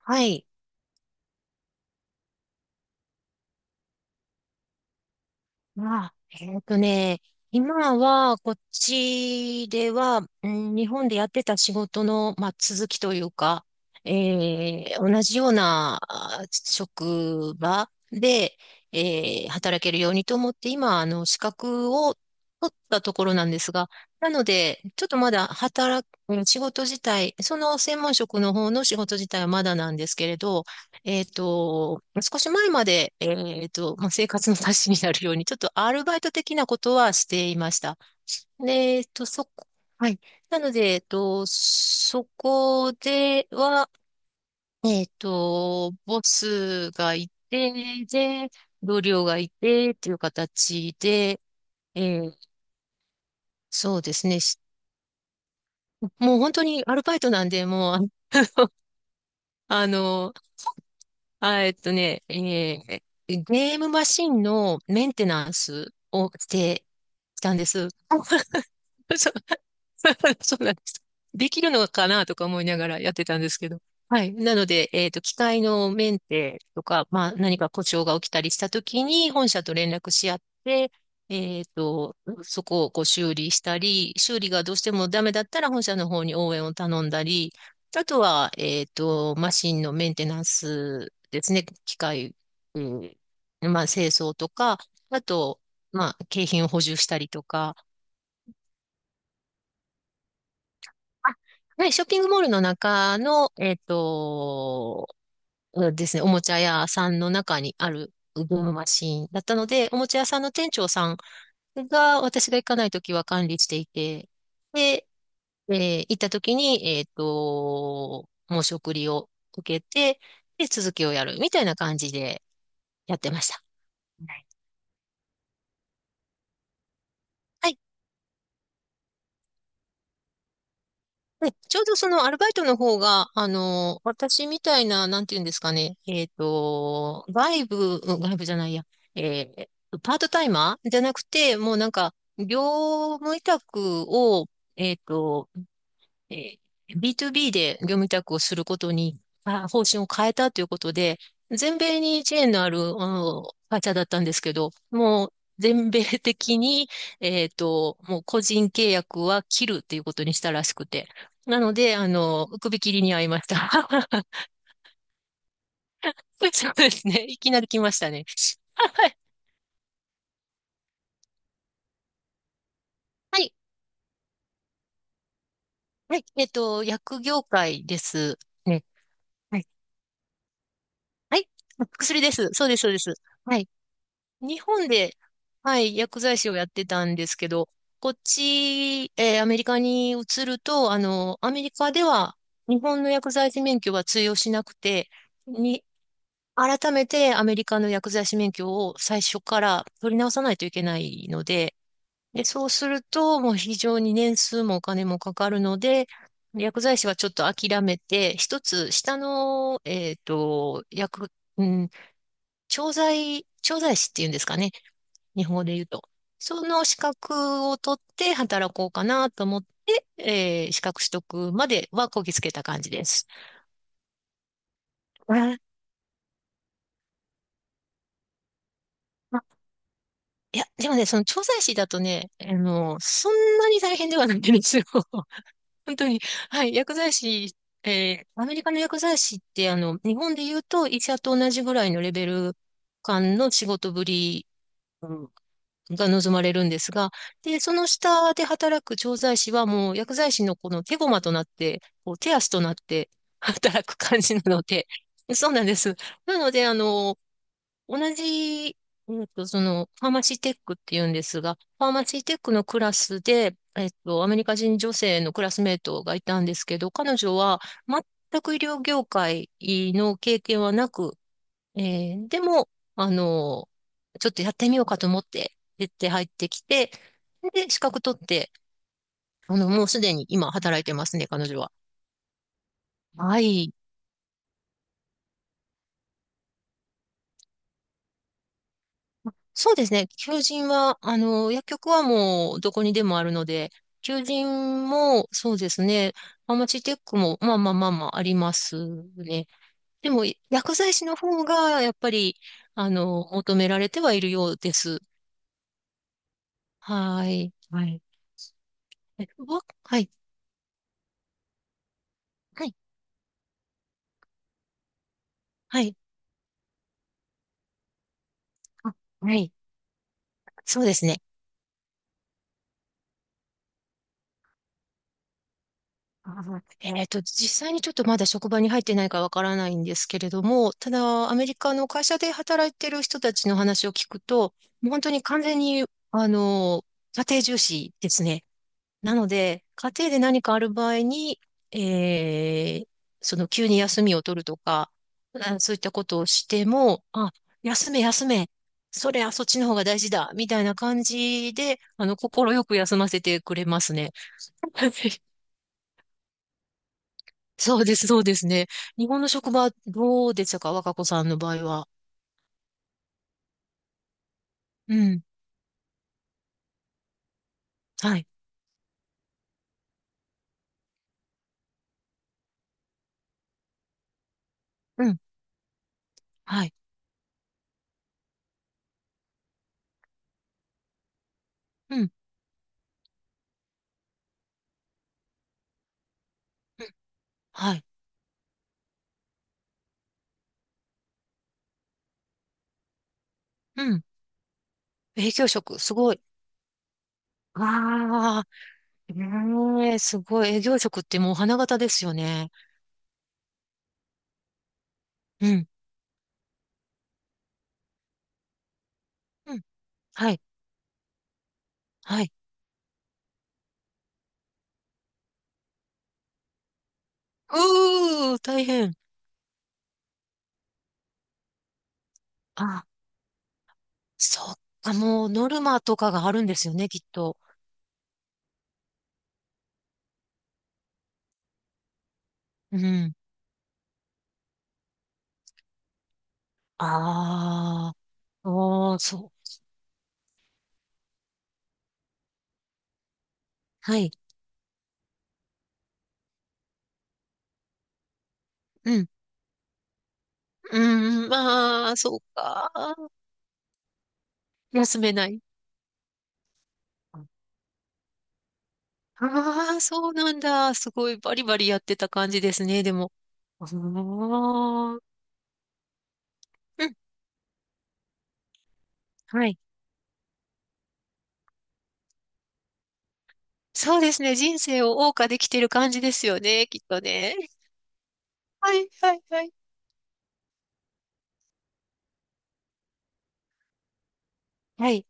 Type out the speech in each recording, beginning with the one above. はい。まあ、今は、こっちでは、うん、日本でやってた仕事の、まあ、続きというか、同じようなあ職場で、働けるようにと思って、今、資格を取ったところなんですが、なので、ちょっとまだ働く、仕事自体、その専門職の方の仕事自体はまだなんですけれど、えっと、少し前まで、まあ、生活の足しになるように、ちょっとアルバイト的なことはしていました。で、そこ、はい。なので、そこでは、ボスがいて、で、同僚がいて、っていう形で、えーそうですね。もう本当にアルバイトなんで、もう、あの、あ、ーゲームマシンのメンテナンスをしてきたんです。そう、そうなんです。できるのかなとか思いながらやってたんですけど。はい。なので、機械のメンテとか、まあ、何か故障が起きたりしたときに、本社と連絡し合って、えっと、そこをこう修理したり、修理がどうしてもダメだったら、本社の方に応援を頼んだり、あとは、マシンのメンテナンスですね。機械、うん、まあ、清掃とか、あと、まあ、景品を補充したりとか。あ、はい、ショッピングモールの中の、うんですね、おもちゃ屋さんの中にあるゲームマシンだったので、おもちゃ屋さんの店長さんが私が行かないときは管理していて、で、行った時に、申し送りを受けて、で、続きをやるみたいな感じでやってました。はい。で、ちょうどそのアルバイトの方が、あの、私みたいな、なんていうんですかね、外部、うん、外部じゃないや、パートタイマーじゃなくて、もうなんか、業務委託を、えっと、えー B2B で業務委託をすることに、方針を変えたということで、全米にチェーンのある、あの会社だったんですけど、もう全米的に、もう個人契約は切るっていうことにしたらしくて。なので、あの、首切りに遭いました。そうですね。いきなり来ましたね。はい。はい。はい。薬業界ですね。はい。はい。薬です。そうです、そうです。はい。日本で、はい、薬剤師をやってたんですけど、こっち、アメリカに移ると、あの、アメリカでは日本の薬剤師免許は通用しなくて、に、改めてアメリカの薬剤師免許を最初から取り直さないといけないので、で、そうすると、もう非常に年数もお金もかかるので、薬剤師はちょっと諦めて、一つ下の、薬、うん、調剤、調剤師っていうんですかね。日本語で言うと。その資格を取って働こうかなと思って、資格取得まではこぎつけた感じです。ああ、いや、でもね、その調剤師だとね、あの、そんなに大変ではないんですよ。本当に。はい、薬剤師、アメリカの薬剤師って、あの、日本で言うと医者と同じぐらいのレベル感の仕事ぶりが望まれるんですが、で、その下で働く調剤師はもう薬剤師のこの手駒となって、こう手足となって 働く感じなので、そうなんです。なので、あの、同じ、その、ファーマシーテックっていうんですが、ファーマシーテックのクラスで、アメリカ人女性のクラスメートがいたんですけど、彼女は全く医療業界の経験はなく、えでも、あのちょっとやってみようかと思って、出て入ってきて、で、資格取って、あの、もうすでに今働いてますね、彼女は。はい。そうですね。求人は、あの、薬局はもうどこにでもあるので、求人も、そうですね。ファマチテックも、まあまあまあまあありますね。でも、薬剤師の方が、やっぱり、あの、求められてはいるようです。はい。はい。はい。はい。はい。あ、はい。そうですね。実際にちょっとまだ職場に入ってないからわからないんですけれども、ただ、アメリカの会社で働いてる人たちの話を聞くと、もう本当に完全に、あの、家庭重視ですね。なので、家庭で何かある場合に、えーその急に休みを取るとか、そういったことをしても、あ、休め休め、それはそっちの方が大事だ、みたいな感じで、あの、快く休ませてくれますね。そうです、そうですね。日本の職場どうでしたか、若子さんの場合は？うん。はい。うん。はい。うん。うん、はい。うん。営業職、すごい。ああ、ええ、すごい。営業職ってもう花形ですよね。うん。うん。はい。はい。うー、大変。あ、そっか、もうノルマとかがあるんですよね、きっと。うん。ああ、おー、そう。はい。うん。うん、まあ、そうか。休めない。ああー、そうなんだ。すごいバリバリやってた感じですね、でも。ああ、うん、はい。そうですね。人生を謳歌できてる感じですよね、きっとね。はい、はい、はい。はい、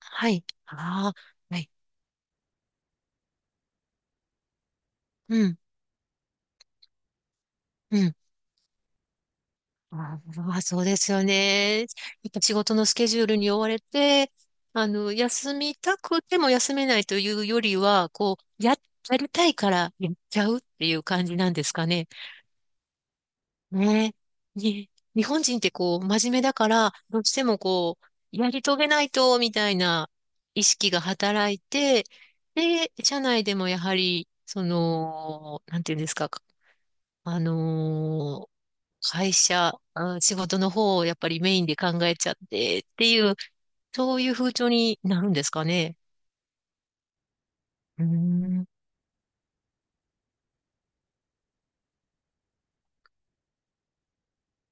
はい。ああ、はい。うん、うん。ああ、そうですよね。やっぱ仕事のスケジュールに追われて、あの、休みたくても休めないというよりは、こう、やりたいからやっちゃうっていう感じなんですかね。ねえ。ね、日本人ってこう、真面目だから、どうしてもこう、やり遂げないと、みたいな意識が働いて、で、社内でもやはり、その、なんていうんですか、あのー仕事の方をやっぱりメインで考えちゃってっていう、そういう風潮になるんですかね。うーん、うん、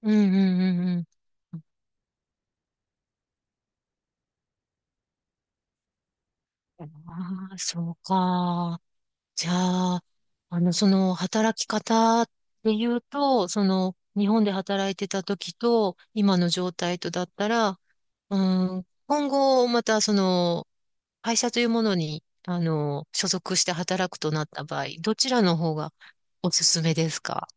うん、うん、うん。ああ、そうか。じゃあ、あの、その働き方っていうと、その日本で働いてた時と今の状態とだったら、うん、今後またその会社というものに、あの、所属して働くとなった場合、どちらの方がおすすめですか？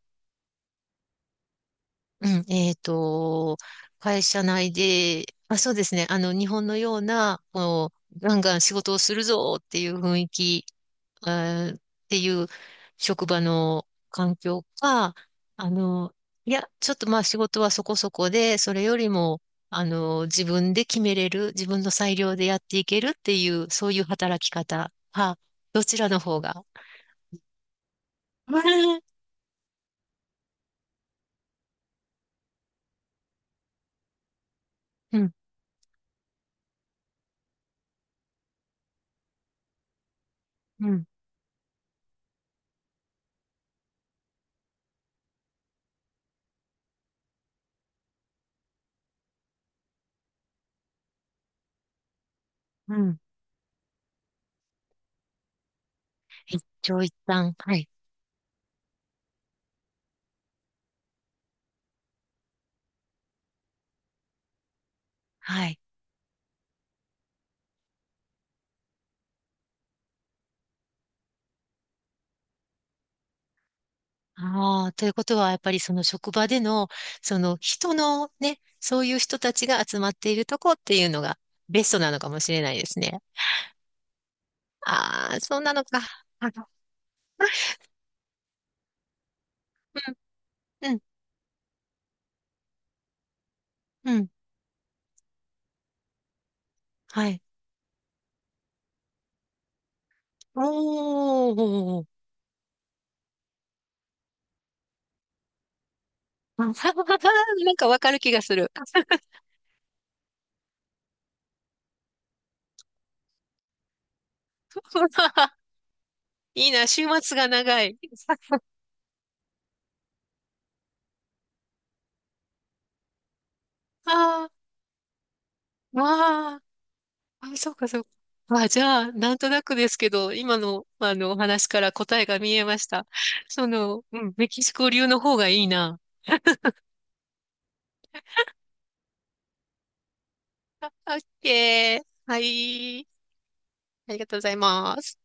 うん、会社内で、あ、そうですね、あの、日本のような、こう、ガンガン仕事をするぞっていう雰囲気っていう職場の環境か、あの、いや、ちょっとまあ仕事はそこそこで、それよりも、あの、自分で決めれる、自分の裁量でやっていけるっていう、そういう働き方か、どちらの方が。うん、うん、うん。一長一短。はい。はい。ああ、ということは、やっぱりその職場での、その人のね、そういう人たちが集まっているとこっていうのがベストなのかもしれないですね。ああ、そうなのか。あの、うん、うん、うん。はい。おー。なんかわかる気がする。いいな、週末が長い。ああ、わあ、あ、そうか、そうか。あ、じゃあ、なんとなくですけど、今の、あの、お話から答えが見えました。その、うん、メキシコ流の方がいいな。あ、オッケー。はい。ありがとうございます。